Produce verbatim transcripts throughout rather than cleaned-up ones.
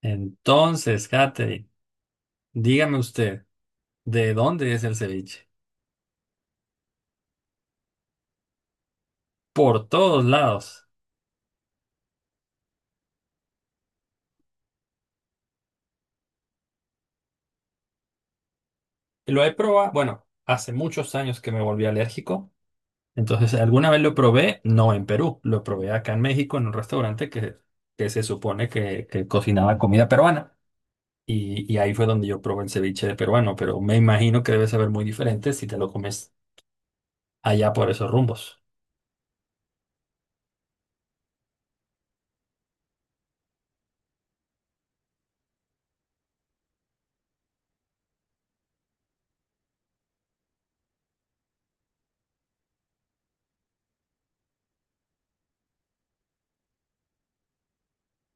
Entonces, Katherine, dígame usted, ¿de dónde es el ceviche? Por todos lados. Lo he probado, bueno, hace muchos años que me volví alérgico. Entonces, alguna vez lo probé, no en Perú, lo probé acá en México en un restaurante que, que se supone que, que cocinaba comida peruana. Y, y ahí fue donde yo probé el ceviche de peruano, pero me imagino que debe saber muy diferente si te lo comes allá por esos rumbos.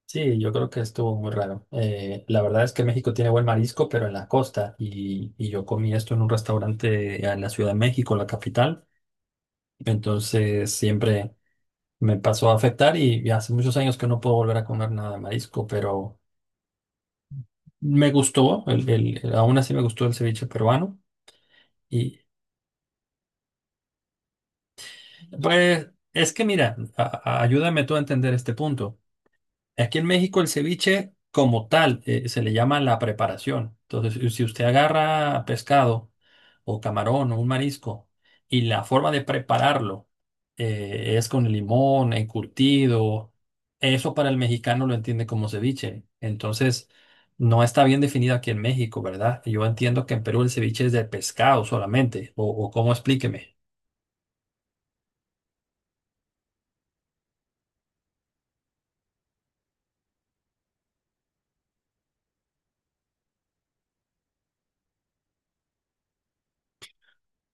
Sí, yo creo que estuvo muy raro. Eh, la verdad es que México tiene buen marisco, pero en la costa. Y, y yo comí esto en un restaurante en la Ciudad de México, la capital. Entonces siempre me pasó a afectar y, y hace muchos años que no puedo volver a comer nada de marisco, pero me gustó, el, el- el- aún así me gustó el ceviche peruano. Y pues es que mira, a- a- ayúdame tú a entender este punto. Aquí en México el ceviche como tal, eh, se le llama la preparación. Entonces, si usted agarra pescado o camarón o un marisco y la forma de prepararlo, eh, es con limón, encurtido, eso para el mexicano lo entiende como ceviche. Entonces, no está bien definido aquí en México, ¿verdad? Yo entiendo que en Perú el ceviche es de pescado solamente, o, o cómo explíqueme.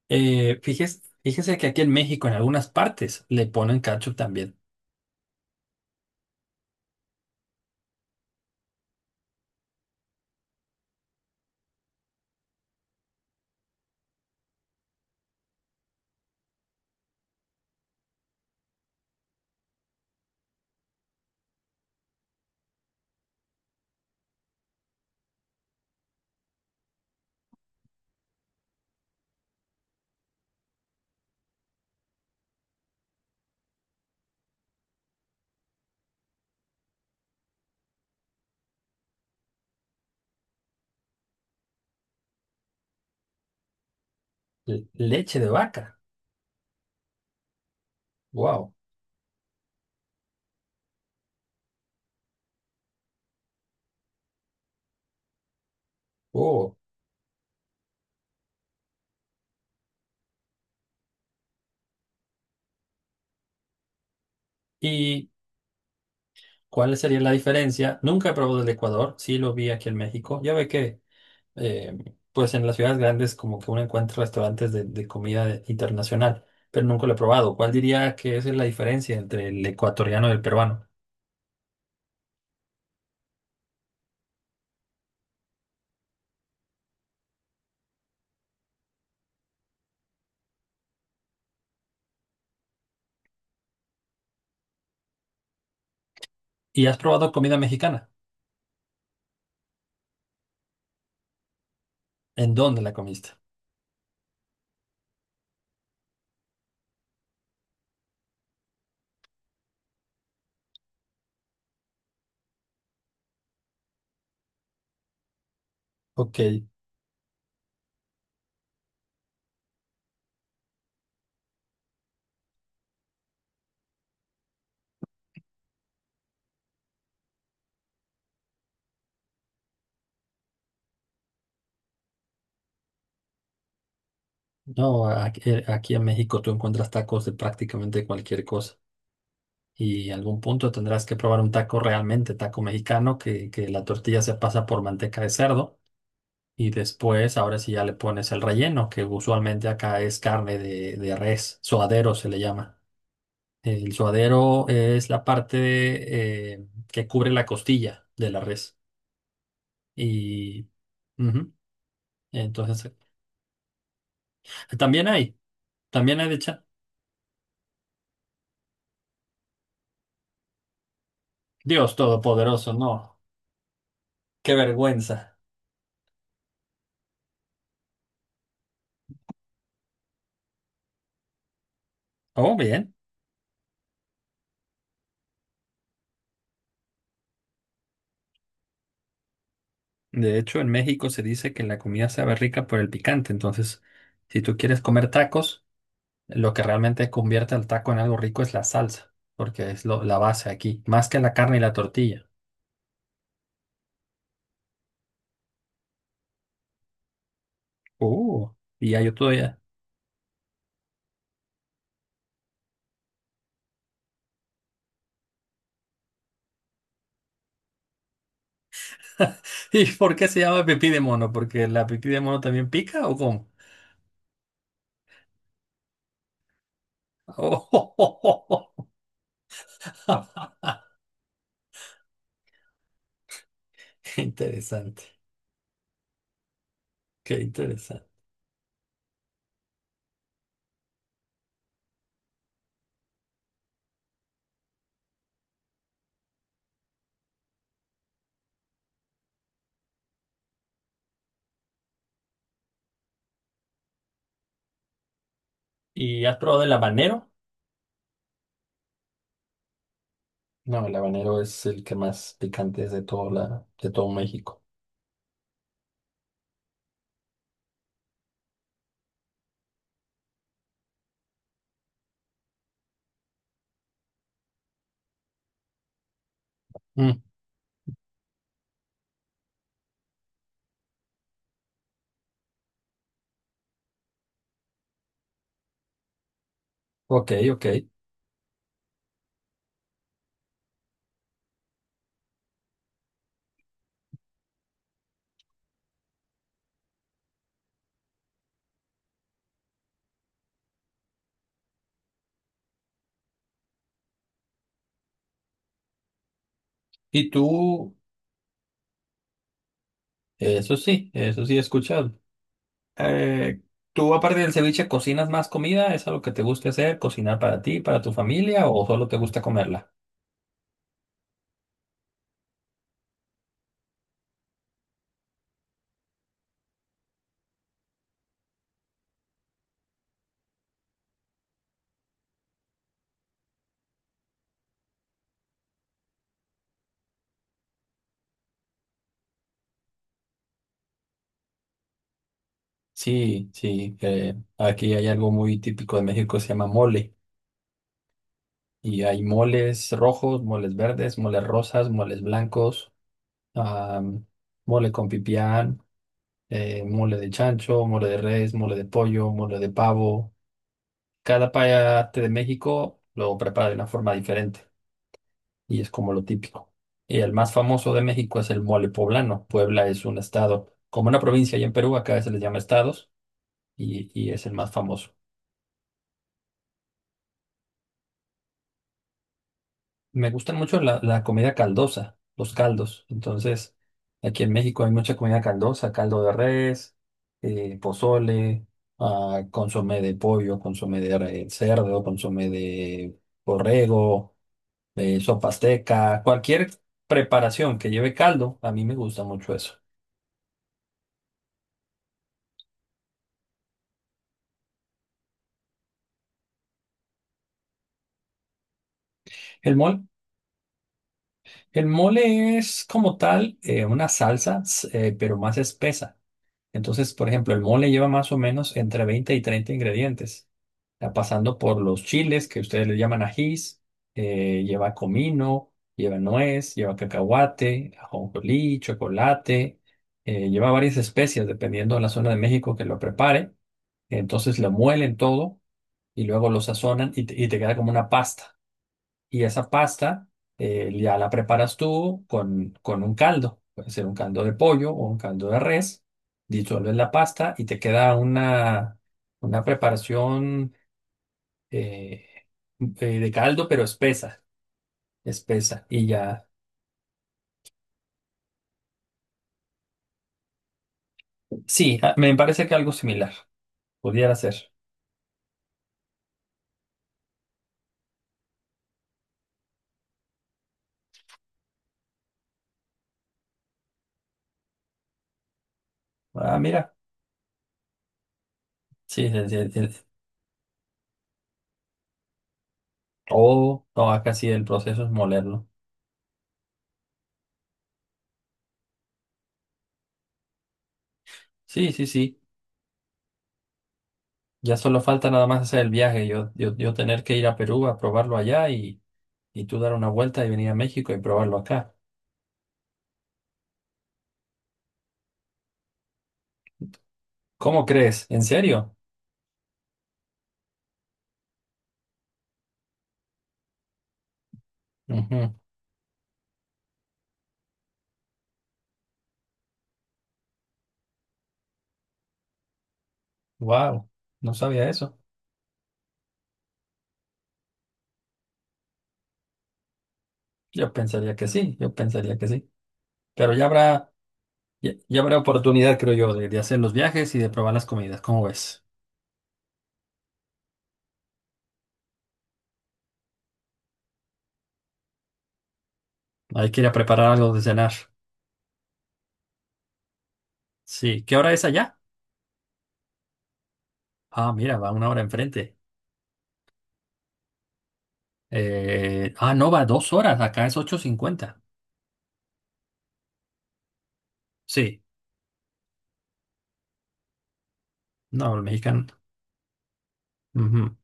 Eh, fíjese, fíjese que aquí en México en algunas partes le ponen cacho también. L- Leche de vaca. Wow. Oh. ¿Y cuál sería la diferencia? Nunca he probado el de Ecuador, sí lo vi aquí en México. Ya ve que, eh, pues en las ciudades grandes como que uno encuentra restaurantes de, de comida de- internacional, pero nunca lo he probado. ¿Cuál diría que esa es la diferencia entre el ecuatoriano y el peruano? ¿Y has probado comida mexicana? ¿En dónde la comiste? Ok. No, aquí, eh, aquí en México tú encuentras tacos de prácticamente cualquier cosa. Y algún punto tendrás que probar un taco realmente, taco mexicano, que, que la tortilla se pasa por manteca de cerdo. Y después, ahora sí ya le pones el relleno, que usualmente acá es carne de, de res, suadero se le llama. El suadero es la parte, eh, que cubre la costilla de la res. Y ujú, entonces, eh, también hay, también hay de cha-. Dios todopoderoso, no, qué vergüenza. Oh, bien. De hecho, en México se dice que la comida sabe rica por el picante. Entonces, si tú quieres comer tacos, lo que realmente convierte al taco en algo rico es la salsa, porque es lo- la base aquí, más que la carne y la tortilla. Uh, y ya yo todavía. ¿Y por qué se llama pipí de mono? ¿Porque la pipí de mono también pica o cómo? Oh. Qué interesante, qué interesante. ¿Y has probado el habanero? No, el habanero es el que más picante es de todo, la, de todo México. Ok, ok. Y tú, eso sí, eso sí he escuchado. Eh, ¿Tú aparte del ceviche cocinas más comida? ¿Es algo que te gusta hacer? ¿Cocinar para ti, para tu familia o solo te gusta comerla? Sí, sí, eh, aquí hay algo muy típico de México que se llama mole. Y hay moles rojos, moles verdes, moles rosas, moles blancos, am, mole con pipián, eh, mole de chancho, mole de res, mole de pollo, mole de pavo. Cada parte de México lo prepara de una forma diferente y es como lo típico. Y el más famoso de México es el mole poblano. Puebla es un estado, como una provincia allá en Perú, acá se les llama estados y, y es el más famoso. Me gustan mucho la, la comida caldosa, los caldos. Entonces, aquí en México hay mucha comida caldosa, caldo de res, eh, pozole, ah, consomé de pollo, consomé de re- cerdo, consomé de borrego. eh, Sopa azteca, cualquier preparación que lleve caldo, a mí me gusta mucho eso. El mole, el mole es como tal, eh, una salsa, s- eh, pero más espesa. Entonces, por ejemplo, el mole lleva más o menos entre veinte y treinta ingredientes. Ya pasando por los chiles, que ustedes le llaman ajís, eh, lleva comino, lleva nuez, lleva cacahuate, ajonjolí, chocolate, eh, lleva varias especias dependiendo de la zona de México que lo prepare. Entonces lo muelen todo y luego lo sazonan y te, y te queda como una pasta. Y esa pasta, eh, ya la preparas tú con, con un caldo. Puede ser un caldo de pollo o un caldo de res. Disuelves la pasta y te queda una, una preparación, eh, eh, de caldo, pero espesa. Espesa. Y ya. Sí, ah, me parece que algo similar pudiera ser. Ah, mira. Sí, sí, sí, sí. Todo, no, acá sí el proceso es molerlo. Sí, sí, sí. Ya solo falta nada más hacer el viaje. Yo, yo, yo tener que ir a Perú a probarlo allá y. Y tú dar una vuelta y venir a México y probarlo acá. ¿Cómo crees? ¿En serio? Wow, no sabía eso. Yo pensaría que sí, yo pensaría que sí. Pero ya habrá, ya, ya habrá oportunidad, creo yo, de, de hacer los viajes y de probar las comidas. ¿Cómo ves? Hay que ir a preparar algo de cenar. Sí, ¿qué hora es allá? Ah, mira, va una hora enfrente. Eh, ah, no, va dos horas. Acá es ocho cincuenta. Sí, no, el mexicano. Ujú.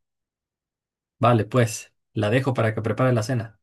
Vale, pues, la dejo para que prepare la cena.